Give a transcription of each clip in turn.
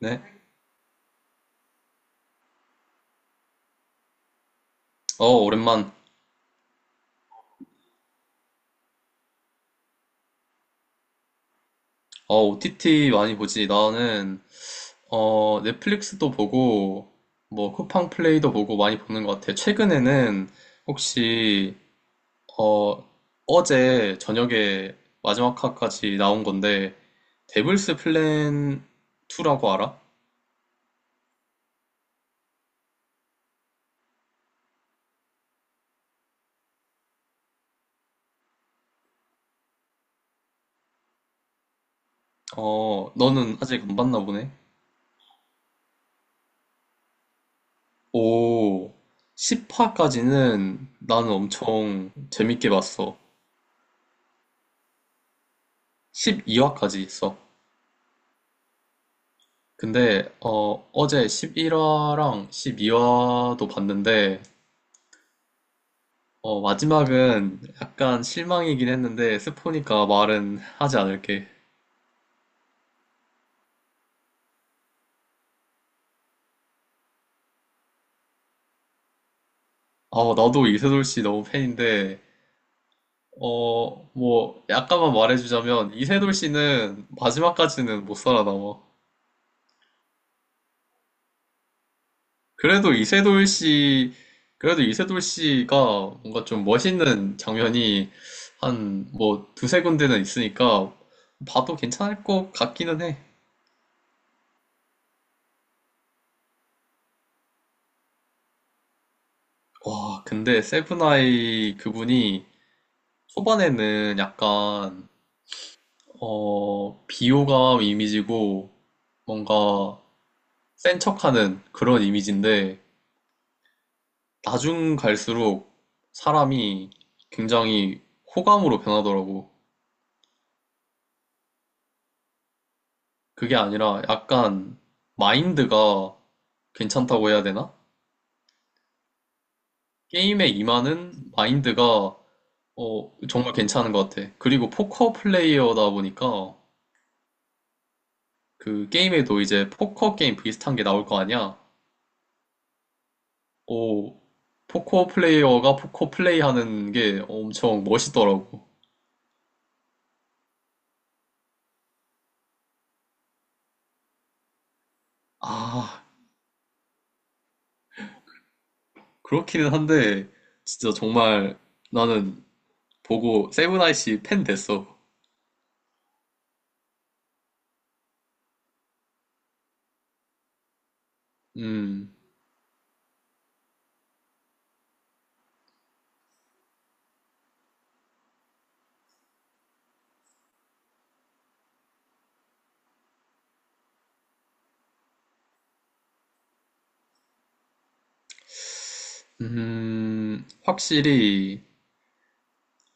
네. 오랜만. 어, OTT 많이 보지. 나는, 넷플릭스도 보고, 뭐, 쿠팡 플레이도 보고 많이 보는 것 같아. 최근에는 혹시, 어, 어제 저녁에 마지막 화까지 나온 건데, 데블스 플랜 2라고 알아? 어, 너는 아직 안 봤나 보네. 오, 10화까지는 나는 엄청 재밌게 봤어. 12화까지 있어. 근데 어제 11화랑 12화도 봤는데 어, 마지막은 약간 실망이긴 했는데 스포니까 말은 하지 않을게. 어, 나도 이세돌 씨 너무 팬인데 뭐 약간만 말해주자면 이세돌 씨는 마지막까지는 못 살아남아. 그래도 이세돌 씨 그래도 이세돌 씨가 뭔가 좀 멋있는 장면이 한 뭐 두세 군데는 있으니까 봐도 괜찮을 것 같기는 해. 와, 근데 세븐아이 그분이 초반에는 약간, 비호감 이미지고 뭔가 센 척하는 그런 이미지인데, 나중 갈수록 사람이 굉장히 호감으로 변하더라고. 그게 아니라 약간 마인드가 괜찮다고 해야 되나? 게임에 임하는 마인드가 정말 괜찮은 것 같아. 그리고 포커 플레이어다 보니까 그 게임에도 이제 포커 게임 비슷한 게 나올 거 아니야? 오, 포커 플레이어가 포커 플레이 하는 게 엄청 멋있더라고. 아, 그렇기는 한데, 진짜 정말 나는 보고 세븐아이씨 팬 됐어. 음, 확실히,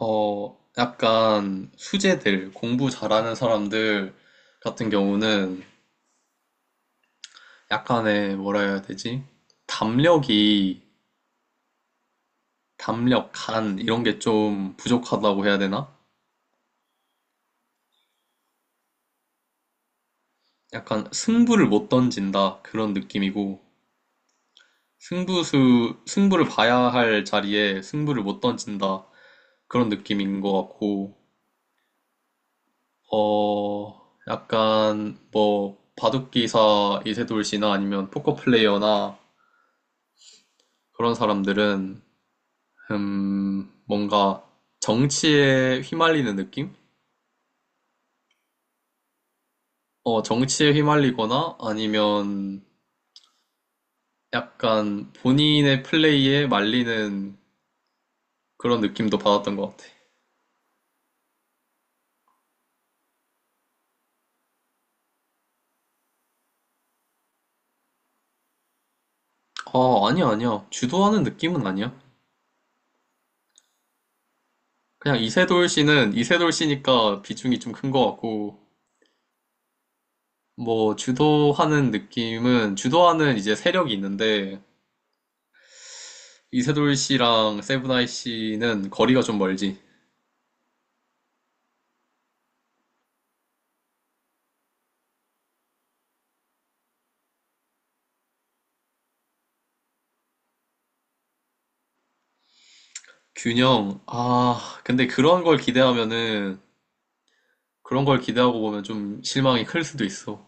약간 수재들, 공부 잘하는 사람들 같은 경우는 약간의 뭐라 해야 되지? 담력이 담력, 간 이런 게 좀 부족하다고 해야 되나? 약간 승부를 못 던진다 그런 느낌이고 승부수 승부를 봐야 할 자리에 승부를 못 던진다 그런 느낌인 것 같고 어 약간 뭐 바둑기사 이세돌 씨나 아니면 포커 플레이어나 그런 사람들은 뭔가 정치에 휘말리는 느낌? 어 정치에 휘말리거나 아니면 약간 본인의 플레이에 말리는 그런 느낌도 받았던 것 같아. 아, 아니야, 아니야. 주도하는 느낌은 아니야. 그냥 이세돌 씨는 이세돌 씨니까 비중이 좀 큰 것 같고, 뭐, 주도하는 느낌은, 주도하는 이제 세력이 있는데, 이세돌 씨랑 세븐아이 씨는 거리가 좀 멀지. 균형, 아, 근데 그런 걸 기대하면은, 그런 걸 기대하고 보면 좀 실망이 클 수도 있어.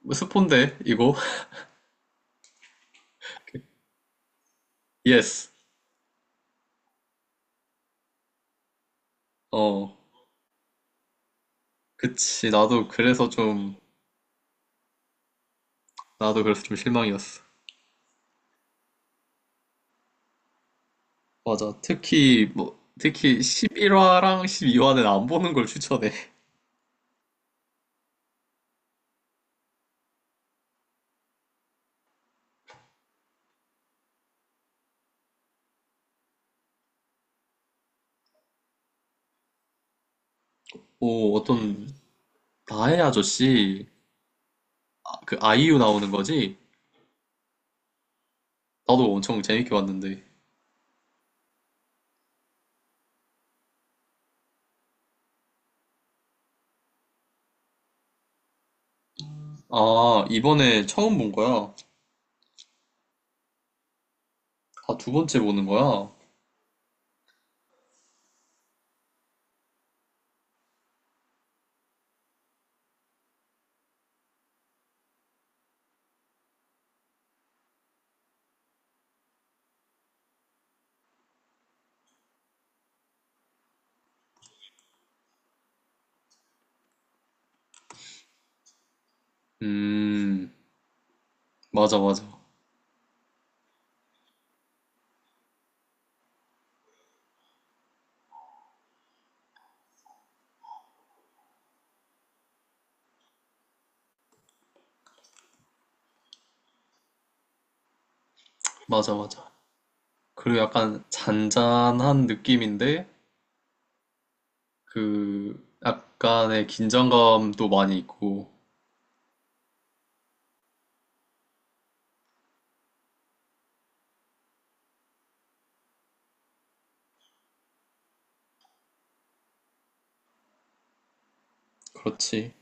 뭐 스폰데, 이거? 예스. 어. 그치, 나도 그래서 좀, 나도 그래서 좀 실망이었어. 맞아. 특히, 뭐, 특히 11화랑 12화는 안 보는 걸 추천해. 오, 어떤, 나의 아저씨, 아, 그 아이유 나오는 거지? 나도 엄청 재밌게 봤는데. 아, 이번에 처음 본 거야. 아, 두 번째 보는 거야. 음, 맞아, 맞아. 맞아, 맞아. 그리고 약간 잔잔한 느낌인데, 그, 약간의 긴장감도 많이 있고, 그렇지.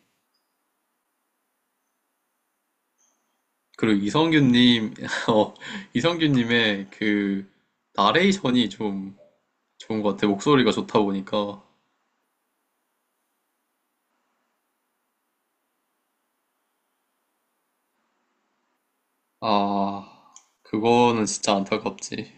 그리고 이성균님, 어, 이성균님의 그 나레이션이 좀 좋은 것 같아. 목소리가 좋다 보니까. 아, 그거는 진짜 안타깝지.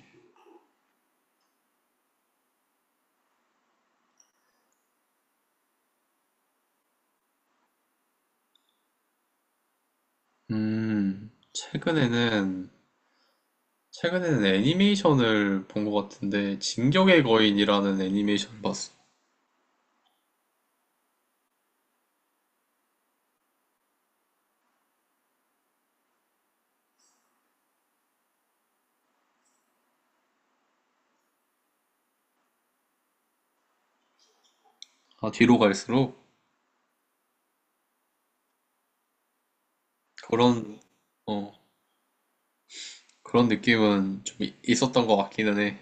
최근에는, 최근에는 애니메이션을 본 것 같은데, 진격의 거인이라는 애니메이션을 봤어. 아, 뒤로 갈수록 그런, 어, 그런 느낌은 좀 있었던 것 같기는 해.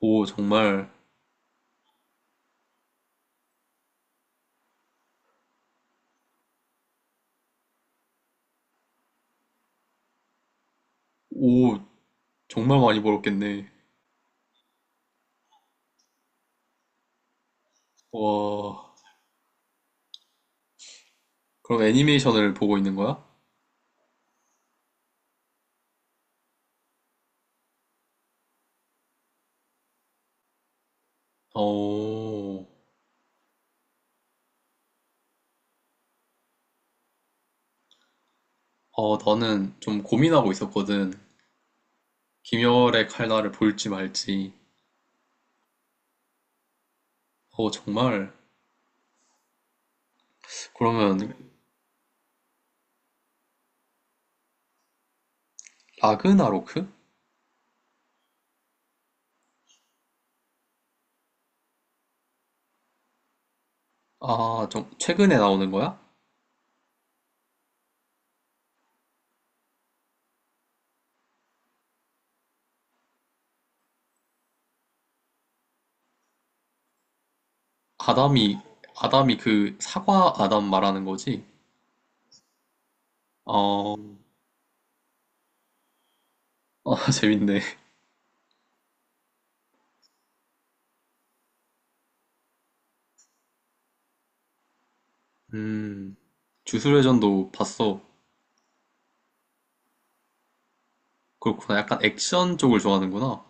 오, 정말, 오, 정말 많이 벌었겠네. 와. 그럼 애니메이션을 보고 있는 거야? 어, 어, 나는 좀 고민하고 있었거든. 김열의 칼날을 볼지 말지. 어, 정말. 그러면 라그나로크? 아, 좀 최근에 나오는 거야? 아담이, 아담이 그 사과 아담 말하는 거지? 어, 아, 재밌네. 음, 주술회전도 봤어. 그렇구나. 약간 액션 쪽을 좋아하는구나.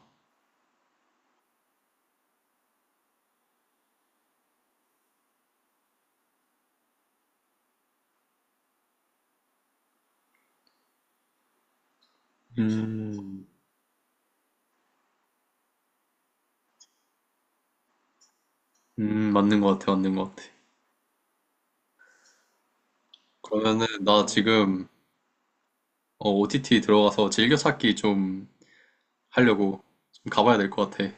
음, 맞는 것 같아. 그러면은 나 지금 어, OTT 들어가서 즐겨찾기 좀 하려고 좀 가봐야 될 것 같아.